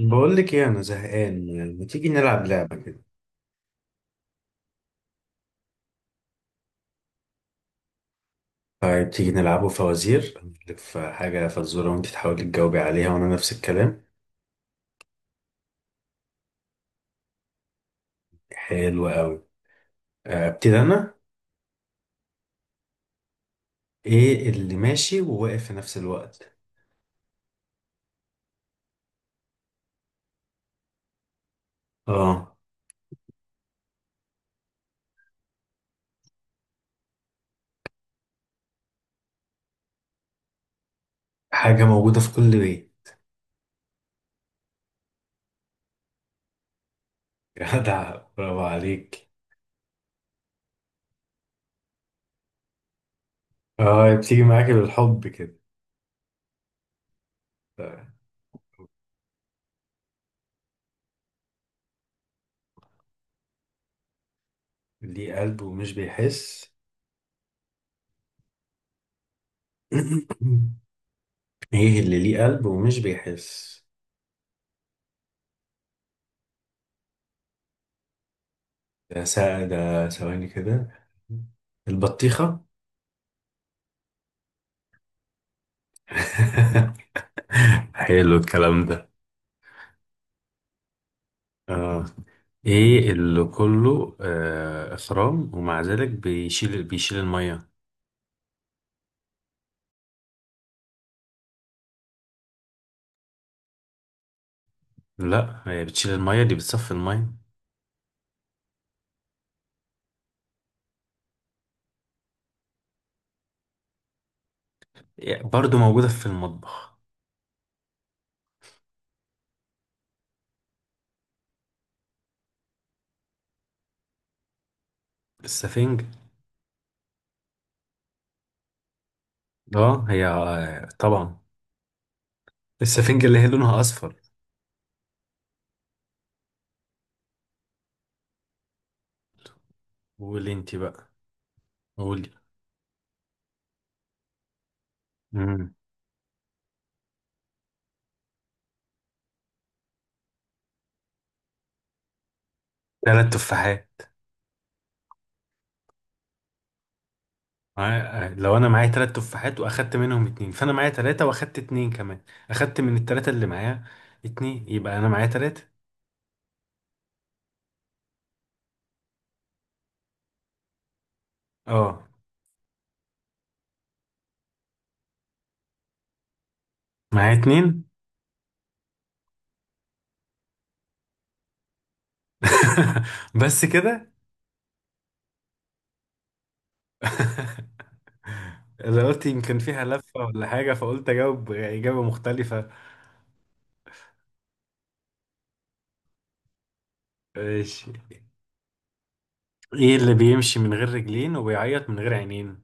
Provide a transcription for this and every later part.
بقول لك ايه؟ انا زهقان، يعني ما تيجي نلعب لعبه كده؟ طيب، تيجي نلعبه فوازير. ألف حاجه فزوره وانت تحاولي تجاوبي عليها وانا نفس الكلام. حلو قوي. آه، ابتدي انا. ايه اللي ماشي وواقف في نفس الوقت؟ اه. حاجه موجوده في كل بيت. جدع، برافو عليك. اه، بتيجي معاكي بالحب كده. طيب، ليه قلب ومش بيحس؟ ايه اللي ليه قلب ومش بيحس؟ ده ثواني كده. البطيخه. حلو الكلام ده. اه، ايه اللي كله اخرام ومع ذلك بيشيل الميه؟ لا، هي بتشيل الميه، دي بتصفي الميه. يعني برضو موجوده في المطبخ. السفنج. اه، هي طبعا. السفنج اللي هي لونها اصفر. قولي انت بقى. قولي. امم. ثلاث تفاحات. آه، آه، لو انا معايا ثلاث تفاحات واخدت منهم اتنين فانا معايا ثلاثه واخدت اتنين كمان. اخدت من الثلاثه اللي معايا اتنين، يبقى انا معايا ثلاثه. اه. معايا اتنين. بس كده. اللي قلت يمكن فيها لفة ولا حاجة، فقلت أجاوب إجابة مختلفة. ماشي. إيه اللي بيمشي من غير رجلين وبيعيط من غير عينين؟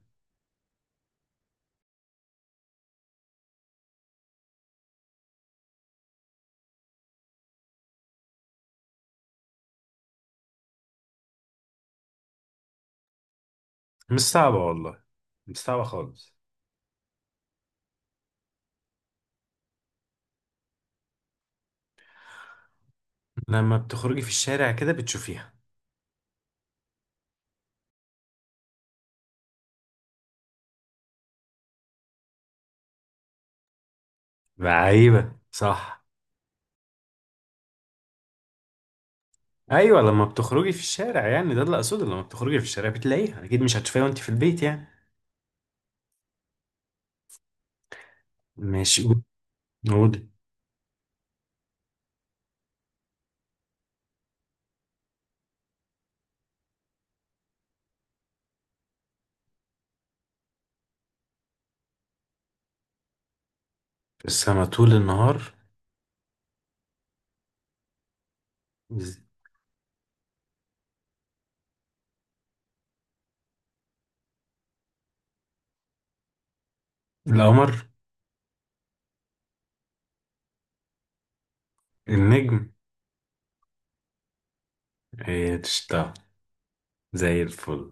مش صعبة والله. مش صعبة خالص. لما بتخرجي في الشارع كده بتشوفيها. عيبة صح. أيوة، لما بتخرجي في الشارع يعني ده اللي أقصده، لما بتخرجي في الشارع بتلاقيها، أكيد مش هتشوفيها وأنت في البيت يعني. ماشي، قول. قول. السما طول النهار. القمر. النجم. ايه تشتغل؟ زي الفل.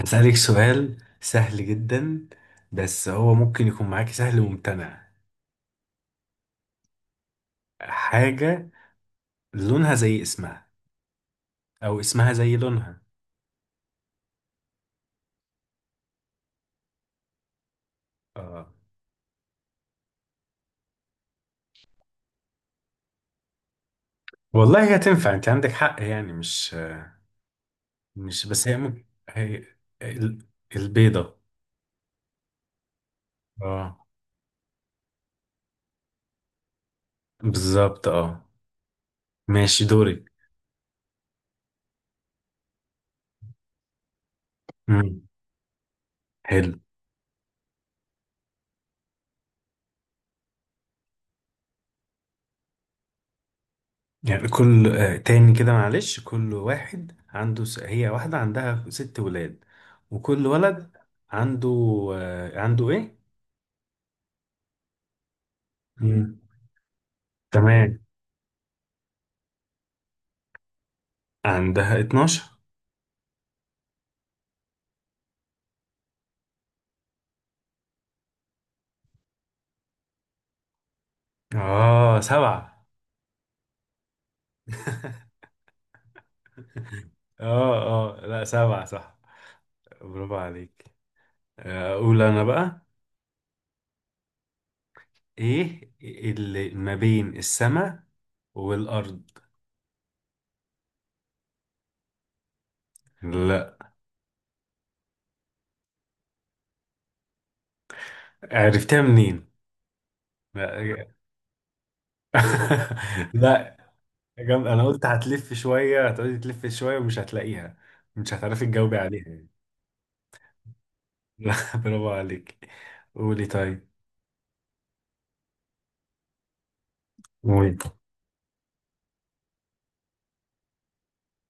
هسألك سؤال سهل جدا، بس هو ممكن يكون معاكي سهل وممتنع. حاجة لونها زي اسمها، أو اسمها زي لونها. آه. والله هي تنفع، أنت عندك حق يعني، مش مش بس هي ممكن هي. ال- البيضة. اه. بالظبط اه. ماشي، دوري. مم. حلو. يعني كل آه، تاني كده معلش كل واحد عنده هي واحدة عندها ست ولاد. وكل ولد عنده عنده ايه؟ مم. تمام. عندها 12. اه، سبعة. اه، اه، لا، سبعة صح. برافو عليك. آه، اقول انا بقى. ايه اللي ما بين السماء والارض؟ لا. عرفتها منين؟ لا. لا. جامد، انا قلت هتلف شويه، هتقعدي تلف شويه ومش هتلاقيها. مش هتعرفي تجاوبي عليها يعني. لا، برافو عليك. قولي طيب. قولي.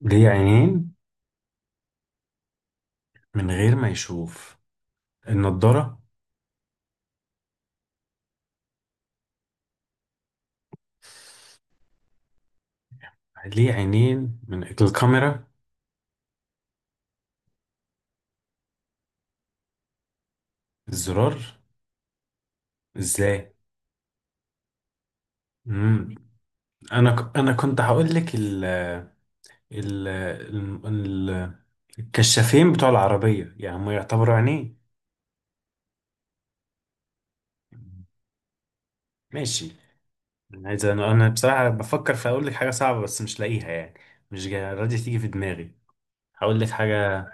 ليه عينين من غير ما يشوف؟ النضاره. ليه عينين من الكاميرا؟ الزرار. ازاي؟ مم. انا كنت هقول لك ال... ال... ال... الكشافين بتوع العربيه، يعني هم يعتبروا عينين. ماشي. انا عايز انا أنا بصراحه بفكر في اقول لك حاجه صعبه، بس مش لاقيها يعني. مش راضيه تيجي في دماغي. هقول لك حاجه.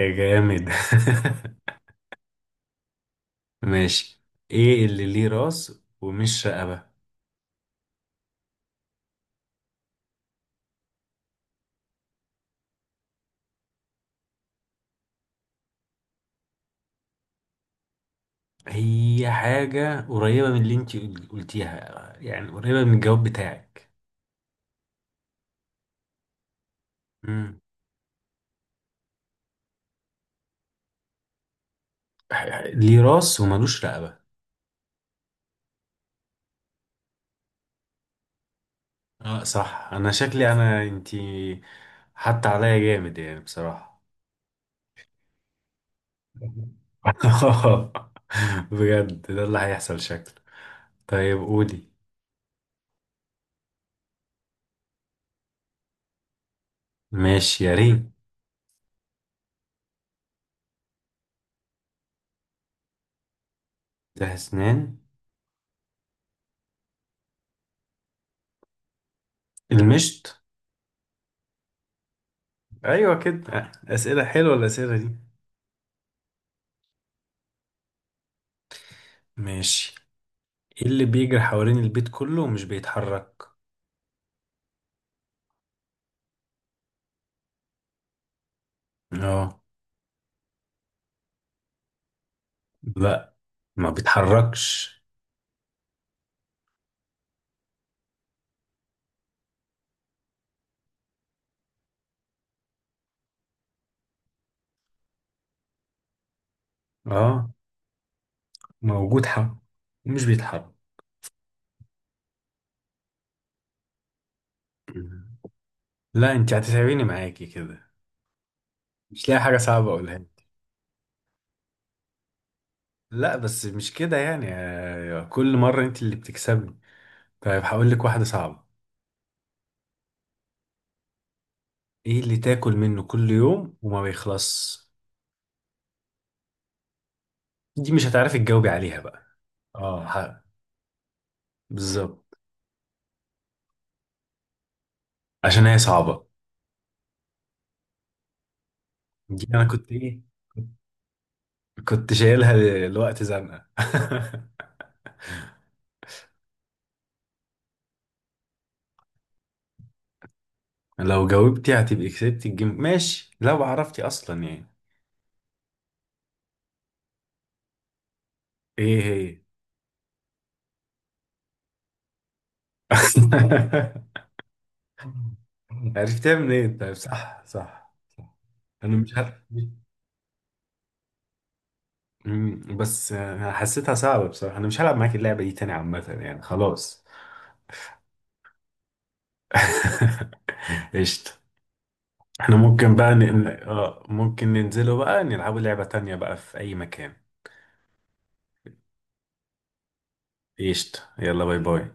يا جامد. ماشي. ايه اللي ليه راس ومش رقبه؟ هي حاجه قريبه من اللي انت قلتيها، يعني قريبه من الجواب بتاعك. امم. ليه راس وملوش رقبه. اه، صح، انا شكلي انا انت حتى عليا جامد يعني بصراحه. بجد، ده اللي هيحصل شكله. طيب، قولي. ماشي، يا ريت. ده اسنان. المشط. ايوه، كده اسئله حلوه الاسئله دي. ماشي. ايه اللي بيجري حوالين البيت كله ومش بيتحرك؟ اه. لا، ما بيتحركش. اه، موجود حق ومش بيتحرك. لا، انت هتتعبيني معاكي كده. مش لاقي حاجه صعبه اقولها لك. لا بس مش كده يعني، كل مره انت اللي بتكسبني. طيب، هقول لك واحده صعبه. ايه اللي تاكل منه كل يوم وما بيخلص؟ دي مش هتعرفي تجاوبي عليها بقى. اه بالظبط. عشان هي صعبة. دي أنا كنت إيه؟ كنت شايلها لوقت زنقة. لو جاوبتي هتبقي كسبتي الجيم، ماشي لو عرفتي أصلا يعني. إيه هي؟ عرفتها منين؟ طيب، صح، صح، صح. أنا مش عارف. بس أنا حسيتها صعبة بصراحة، أنا مش هلعب معاك اللعبة دي تاني عامة يعني، خلاص. قشطة. احنا ممكن بقى ممكن ننزله بقى نلعبوا لعبة تانية بقى في اي مكان. قشطة، يلا، باي باي.